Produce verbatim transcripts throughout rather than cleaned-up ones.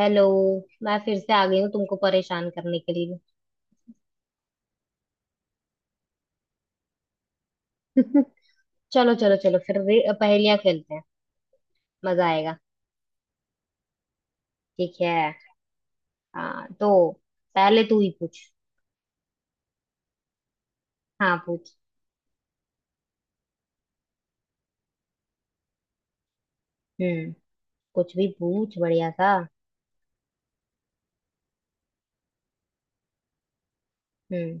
Hello. मैं फिर से आ गई हूँ तुमको परेशान करने के लिए। चलो चलो चलो फिर रे- पहेलियाँ खेलते हैं। मजा आएगा। ठीक है। हाँ तो पहले तू ही पूछ। हाँ पूछ। हम्म। कुछ भी पूछ बढ़िया सा। हम्म।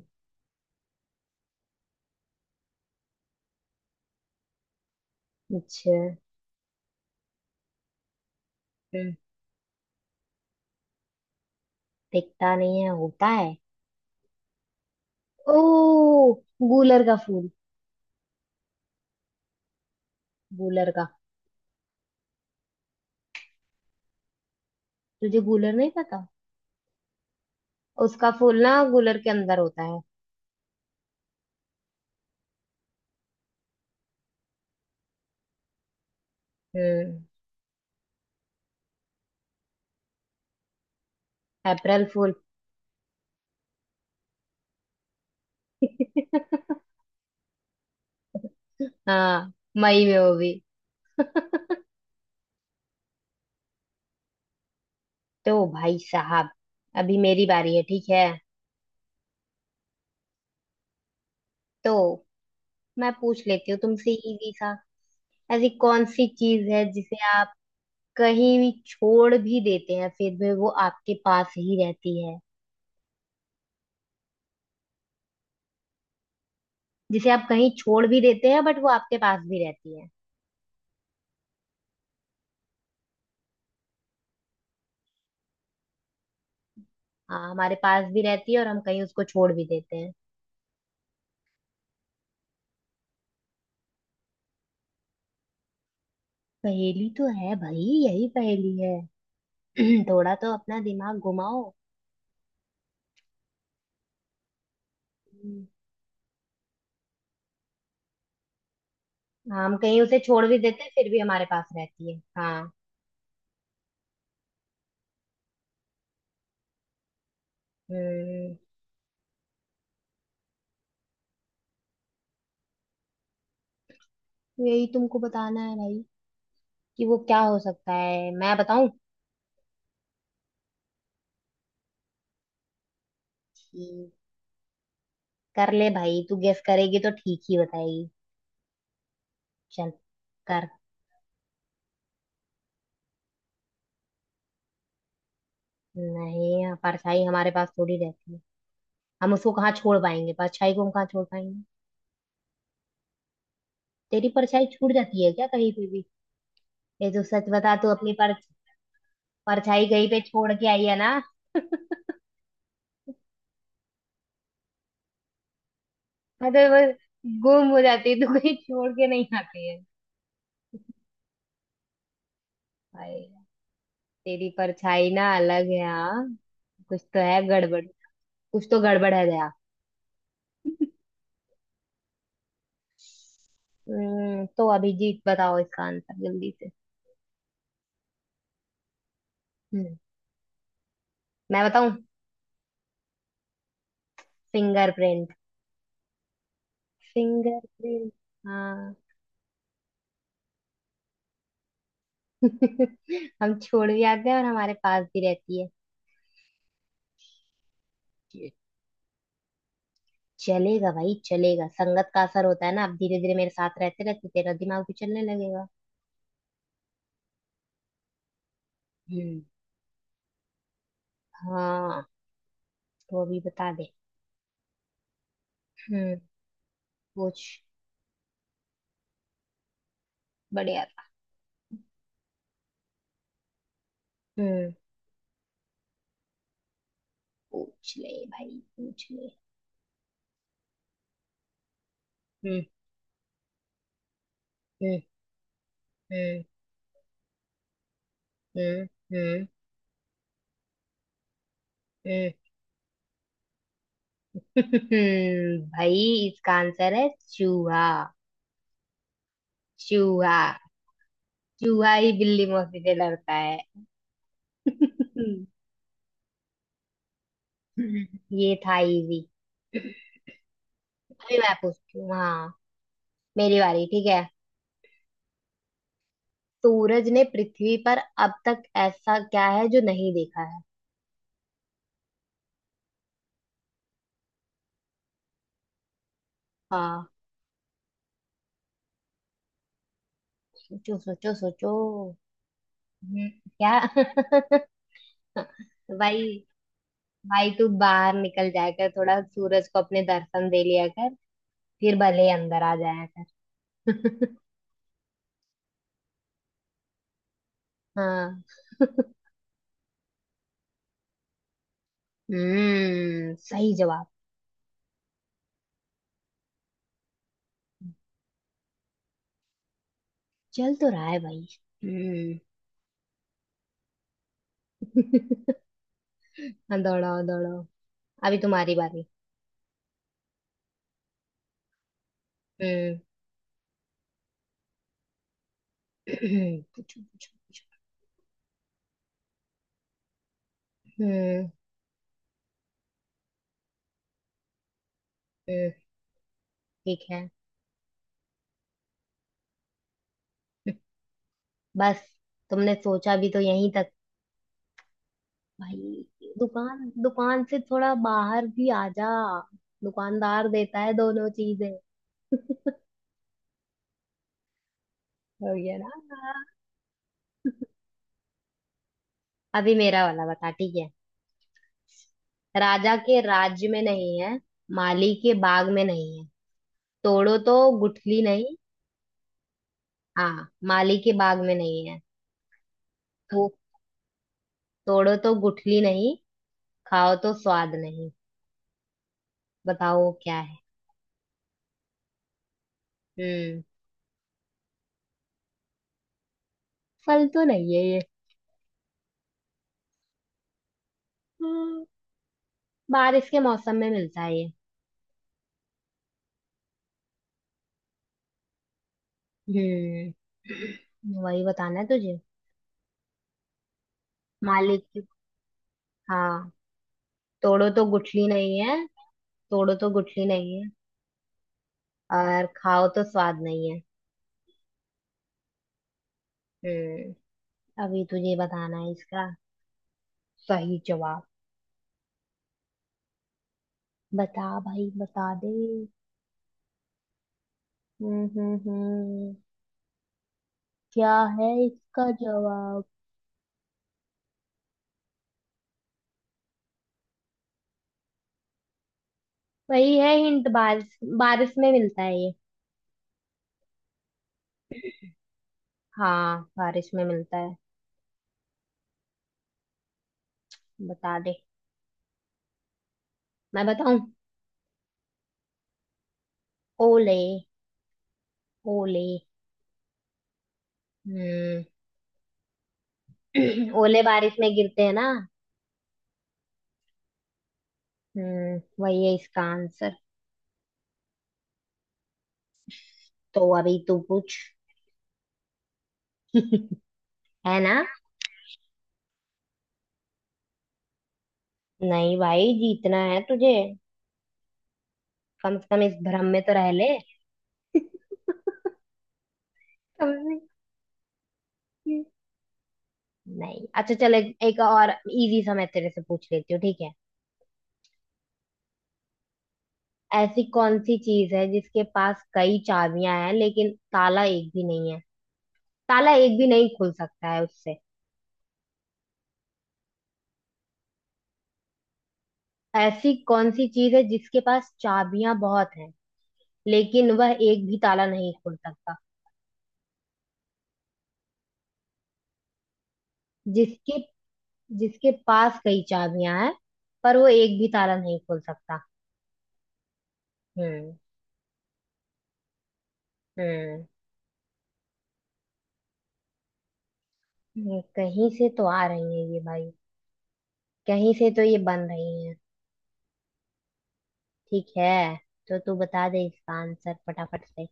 अच्छा। हम्म। दिखता नहीं है होता है। ओ, गूलर का फूल। गूलर का। तुझे गूलर नहीं पता? उसका फूल ना गूलर के अंदर होता है। हम्म। अप्रैल फूल। हाँ मई में वो भी। तो भाई साहब अभी मेरी बारी है, ठीक है। तो मैं पूछ लेती हूँ तुमसे इजी सा। ऐसी कौन सी चीज है जिसे आप कहीं भी छोड़ भी देते हैं फिर भी वो आपके पास ही रहती है। जिसे आप कहीं छोड़ भी देते हैं बट वो आपके पास भी रहती है। हाँ हमारे पास भी रहती है और हम कहीं उसको छोड़ भी देते हैं। पहेली तो है भाई, यही पहेली है। थोड़ा तो अपना दिमाग घुमाओ। हम्म, हाँ, हम कहीं उसे छोड़ भी देते हैं फिर भी हमारे पास रहती है, हाँ। हम्म। यही तुमको बताना है भाई कि वो क्या हो सकता है, मैं बताऊं? ठीक, कर ले भाई, तू गेस करेगी तो ठीक ही बताएगी। चल कर। नहीं हाँ, परछाई हमारे पास थोड़ी रहती है। हम उसको कहाँ छोड़ पाएंगे, परछाई को हम कहाँ छोड़ पाएंगे। तेरी परछाई छूट जाती है क्या कहीं पे भी? ये तो सच बता तू अपनी पर। परछाई कहीं पे छोड़ के आई है ना। मैं तो बस, गुम हो जाती है, तू कहीं छोड़ के नहीं आती है। भाई तेरी परछाई ना अलग है, हाँ। कुछ तो है गड़बड़। कुछ तो गड़बड़ है दया। हम्म, तो अभिजीत बताओ इसका आंसर जल्दी से। हम्म, मैं बताऊं? फिंगरप्रिंट। फिंगरप्रिंट। हाँ। हम छोड़ भी आते हैं और हमारे पास भी रहती है। ये चलेगा भाई चलेगा, संगत का असर होता है ना, अब धीरे धीरे मेरे साथ रहते रहते तेरा दिमाग भी चलने लगेगा। हम्म। हाँ तो अभी बता दे। हम्म, पूछ। बढ़िया था। हम्म। पूछ ले भाई पूछ ले। हम्म। हम्म। हम्म। हम्म। हम्म। हम्म। भाई इसका आंसर है चूहा। चूहा। चूहा ही बिल्ली मौसी से लड़ता है। ये था इजी। अभी मैं पूछती हूँ, हाँ, मेरी बारी, ठीक है। सूरज ने पृथ्वी पर अब तक ऐसा क्या है जो नहीं देखा है। हाँ, सोचो सोचो सोचो। हम्म, क्या? भाई, भाई तू बाहर निकल जाया कर थोड़ा, सूरज को अपने दर्शन दे लिया कर, फिर भले ही अंदर आ जाया कर। हाँ। हम्म सही जवाब। चल तो रहा है भाई। हम्म। हाँ, दौड़ाओ दौड़ाओ। अभी तुम्हारी बारी। हम्म। पूछो पूछो पूछो। हम्म हम्म, ठीक है। बस? तुमने सोचा भी तो यहीं तक? भाई दुकान, दुकान से थोड़ा बाहर भी आ जा। दुकानदार देता है दोनों चीजें। हो गया ना। अभी मेरा वाला बता, ठीक है। राजा के राज्य में नहीं है, माली के बाग में नहीं है, तोड़ो तो गुठली नहीं। हाँ माली के बाग में नहीं है। तो तोड़ो तो गुठली नहीं, खाओ तो स्वाद नहीं। बताओ वो क्या है। हम्म। फल तो नहीं है ये। हम्म, बारिश के मौसम में मिलता है ये। हम्म वही बताना है तुझे। मालिक की, हाँ। तोड़ो तो गुठली नहीं है। तोड़ो तो गुठली नहीं है। और खाओ तो स्वाद नहीं है। हम्म। अभी तुझे बताना है इसका सही जवाब। बता भाई बता दे। हम्म। हम्म। हम्म। क्या है इसका जवाब? वही है हिंट, बारिश, बारिश में मिलता है ये। हाँ बारिश में मिलता है। बता दे। मैं बताऊं? ओले। ओले। हम्म। ओले बारिश में गिरते हैं ना। हम्म वही है इसका आंसर। तो अभी तू पूछ। है ना। नहीं भाई जीतना है तुझे, कम से कम इस भ्रम में तो रह ले। समझी? नहीं अच्छा, चल एक, एक और इजी सा मैं तेरे से पूछ लेती हूँ, ठीक है। ऐसी कौन सी चीज है जिसके पास कई चाबियां हैं लेकिन ताला एक भी नहीं है। ताला एक भी नहीं खुल सकता है उससे। ऐसी कौन सी चीज है जिसके पास चाबियां बहुत हैं लेकिन वह एक भी ताला नहीं खोल सकता। जिसके जिसके पास कई चाबियां हैं पर वो एक भी ताला नहीं खोल सकता। हम्म। हम्म। हम्म, कहीं से तो आ रही है ये भाई, कहीं से तो ये बन रही है। ठीक है। तो तू बता दे इसका आंसर फटाफट से।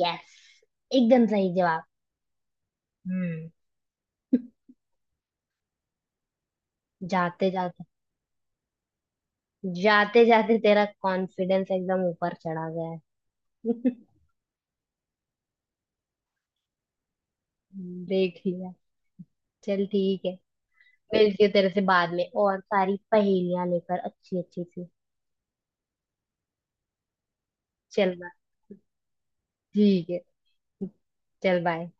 यस, एकदम सही जवाब। हम्म। जाते जाते, जाते जाते तेरा कॉन्फिडेंस एकदम ऊपर चढ़ा गया है। देख लिया। चल ठीक है। मिलती हूँ तेरे से बाद में और सारी पहेलियां लेकर अच्छी अच्छी सी। चल बाय। ठीक है, चल बाय।